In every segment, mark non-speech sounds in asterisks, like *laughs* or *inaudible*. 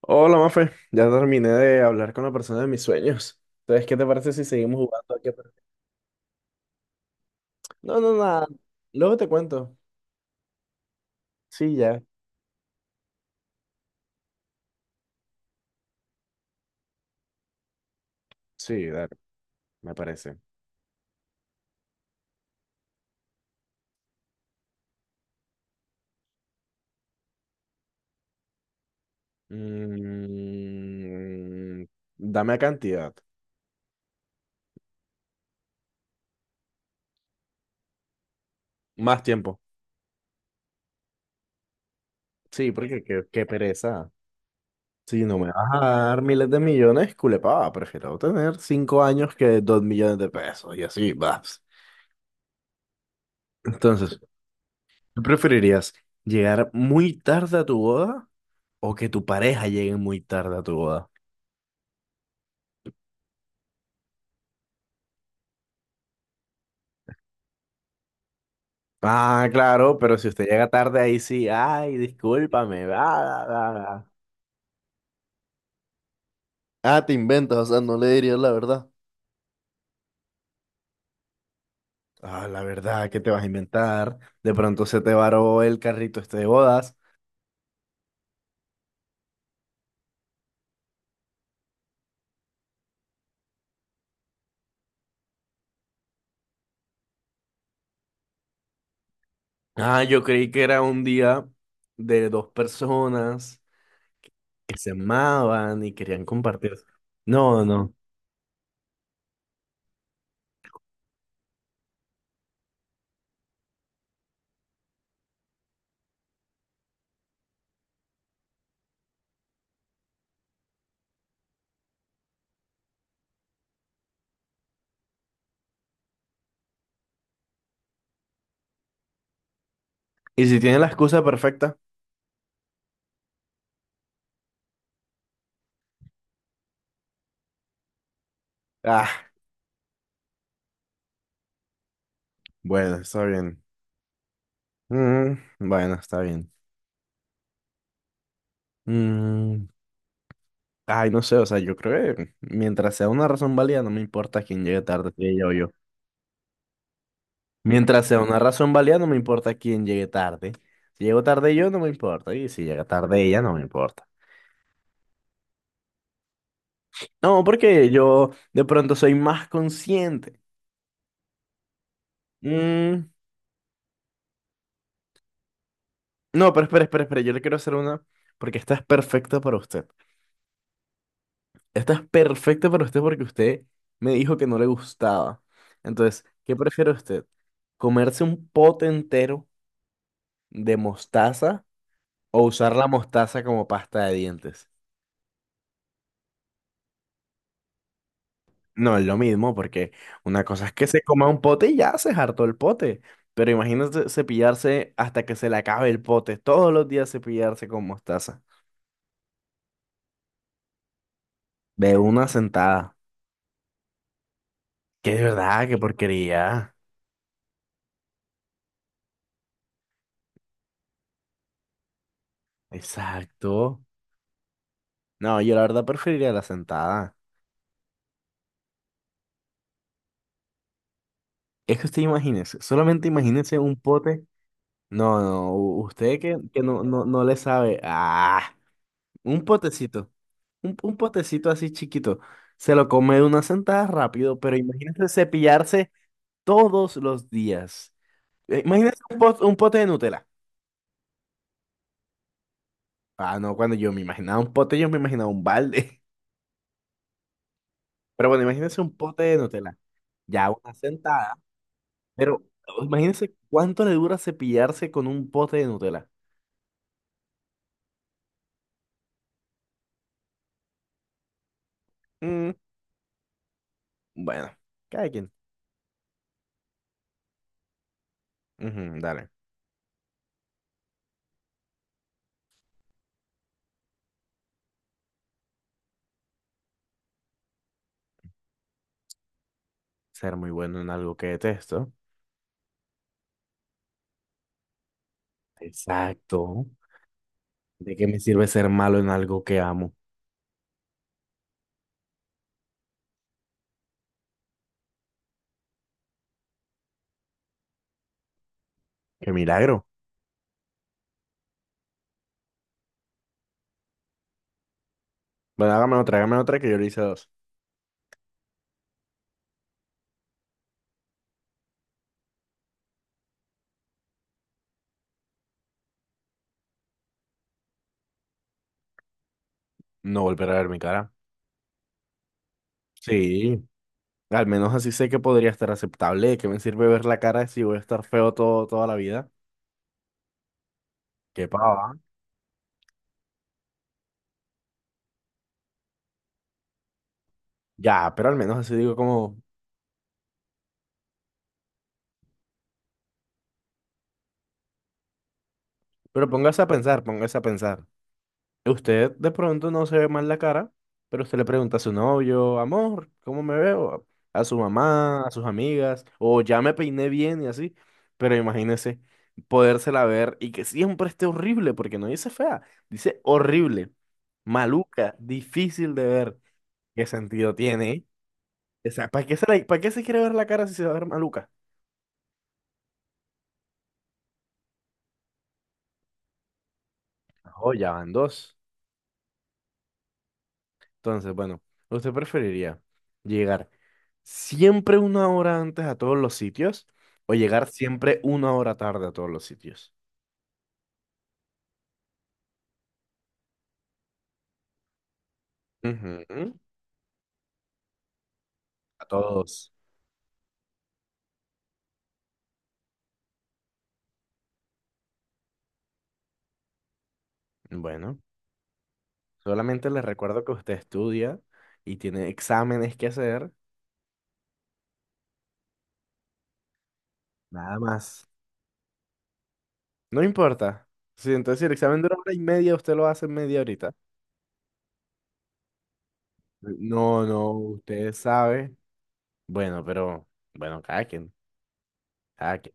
Hola, Mafe. Ya terminé de hablar con la persona de mis sueños. Entonces, ¿qué te parece si seguimos jugando aquí? No, no, nada. Luego te cuento. Sí, ya. Sí, dale, me parece. Mm, dame cantidad. Más tiempo. Sí, porque qué pereza. Si no me vas a dar miles de millones, culepaba. Prefiero tener 5 años que 2 millones de pesos y así vas. Entonces, ¿qué preferirías? ¿Llegar muy tarde a tu boda? O que tu pareja llegue muy tarde a tu boda. Ah, claro, pero si usted llega tarde ahí sí, ay, discúlpame, va, va, va, va. Ah, te inventas, o sea, no le dirías la verdad. Ah, la verdad, ¿qué te vas a inventar? De pronto se te varó el carrito este de bodas. Ah, yo creí que era un día de dos personas que se amaban y querían compartir. No, no. ¿Y si tiene la excusa perfecta? Ah, bueno, está bien. Mm, bueno, está bien. Mm, ay, no sé, o sea, yo creo que mientras sea una razón válida, no me importa quién llegue tarde, si ella o yo. Mientras sea una razón válida, no me importa quién llegue tarde. Si llego tarde yo, no me importa. Y si llega tarde ella, no me importa. No, porque yo de pronto soy más consciente. Mm, no, pero espera, espera, espera, yo le quiero hacer una, porque esta es perfecta para usted. Esta es perfecta para usted porque usted me dijo que no le gustaba. Entonces, ¿qué prefiere usted? ¿Comerse un pote entero de mostaza? O usar la mostaza como pasta de dientes. No es lo mismo, porque una cosa es que se coma un pote y ya se hartó el pote. Pero imagínate cepillarse hasta que se le acabe el pote. Todos los días cepillarse con mostaza. De una sentada. Que de verdad, qué porquería. Exacto. No, yo la verdad preferiría la sentada. Es que usted imagínese, solamente imagínese un pote. No, no, usted que no, no, no le sabe. Ah. Un potecito. Un potecito así chiquito. Se lo come de una sentada rápido, pero imagínate cepillarse todos los días. Imagínate un pote de Nutella. Ah, no, cuando yo me imaginaba un pote, yo me imaginaba un balde. *laughs* Pero bueno, imagínense un pote de Nutella. Ya una sentada. Pero oh, imagínense cuánto le dura cepillarse con un pote de Nutella. Mm, bueno, cada quien. Ujú, dale. Ser muy bueno en algo que detesto. Exacto. ¿De qué me sirve ser malo en algo que amo? ¡Qué milagro! Bueno, hágame otra que yo le hice dos. No volver a ver mi cara. Sí, al menos así sé que podría estar aceptable. ¿De qué me sirve ver la cara si voy a estar feo todo, toda la vida? ¡Qué pava! Ya, pero al menos así digo como... Pero póngase a pensar, póngase a pensar. Usted de pronto no se ve mal la cara, pero usted le pregunta a su novio, amor, ¿cómo me veo? A su mamá, a sus amigas, o ya me peiné bien y así. Pero imagínese podérsela ver y que siempre esté horrible, porque no dice fea, dice horrible, maluca, difícil de ver. ¿Qué sentido tiene? O sea, ¿para qué para qué se quiere ver la cara si se va a ver maluca? Oh, ya van dos. Entonces, bueno, ¿usted preferiría llegar siempre una hora antes a todos los sitios o llegar siempre una hora tarde a todos los sitios? Ujú. A todos. Bueno, solamente les recuerdo que usted estudia y tiene exámenes que hacer, nada más. No importa. Si entonces si el examen dura hora y media, usted lo hace en media horita. No, no, usted sabe. Bueno, pero, bueno, cada quien, cada quien,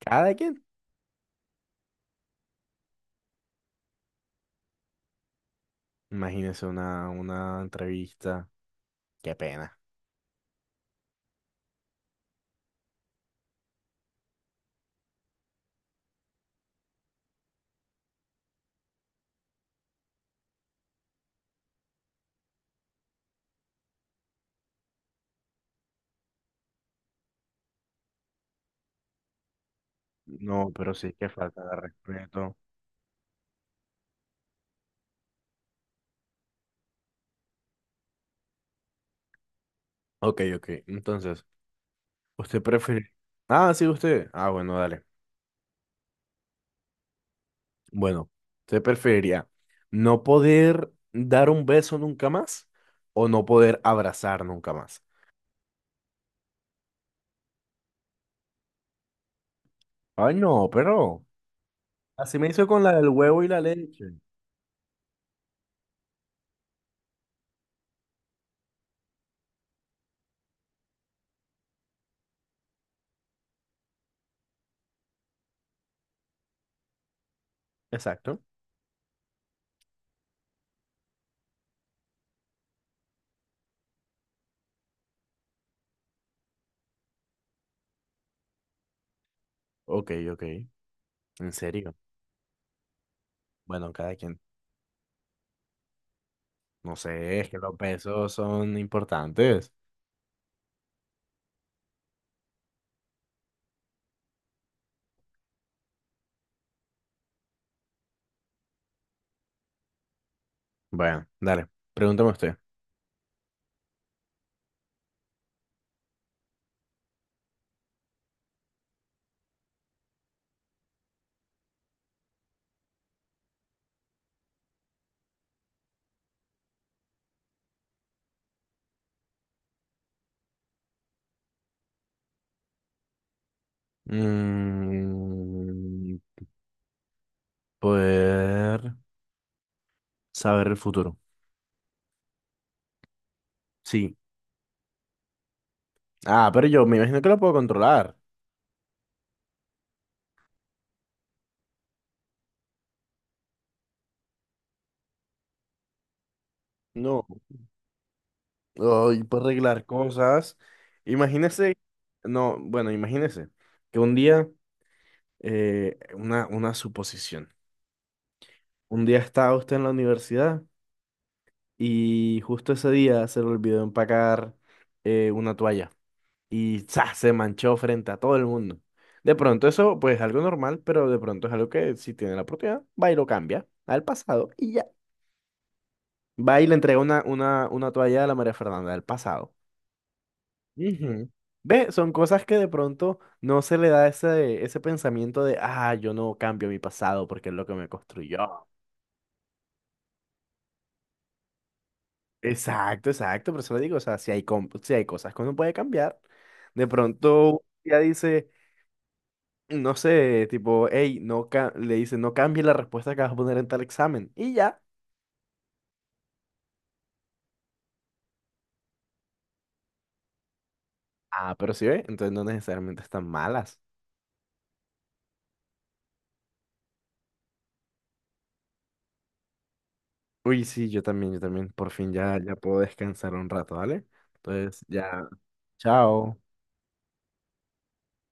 cada quien. Imagínese una entrevista. Qué pena. No, pero sí que falta de respeto. Ok, ok. Entonces, ¿usted prefiere? Ah, sí, usted. Ah, bueno, dale. Bueno, ¿usted preferiría no poder dar un beso nunca más o no poder abrazar nunca más? Ay, no, pero así me hizo con la del huevo y la leche. Exacto. Ok, ok. ¿En serio? Bueno, cada quien. No sé, es que los besos son importantes. Bueno, dale. Pregúntame usted. Mm, poder saber el futuro. Sí. Ah, pero yo me imagino que lo puedo controlar. No. Ay, puedo arreglar cosas. Imagínese, no, bueno, imagínese que un día, una suposición. Un día estaba usted en la universidad y justo ese día se le olvidó empacar una toalla y ¡za! Se manchó frente a todo el mundo. De pronto eso, pues es algo normal, pero de pronto es algo que si tiene la oportunidad, va y lo cambia al pasado y ya. Va y le entrega una toalla a la María Fernanda del pasado. Ujú. Ve, son cosas que de pronto no se le da ese pensamiento de, ah, yo no cambio mi pasado porque es lo que me construyó. Exacto, exacto, por eso le digo, o sea, si hay cosas que uno puede cambiar, de pronto ya dice, no sé, tipo, hey, le dice, no cambie la respuesta que vas a poner en tal examen. Y ya. Ah, pero sí ve, entonces no necesariamente están malas. Uy, sí, yo también, yo también. Por fin ya puedo descansar un rato, ¿vale? Entonces, ya, chao.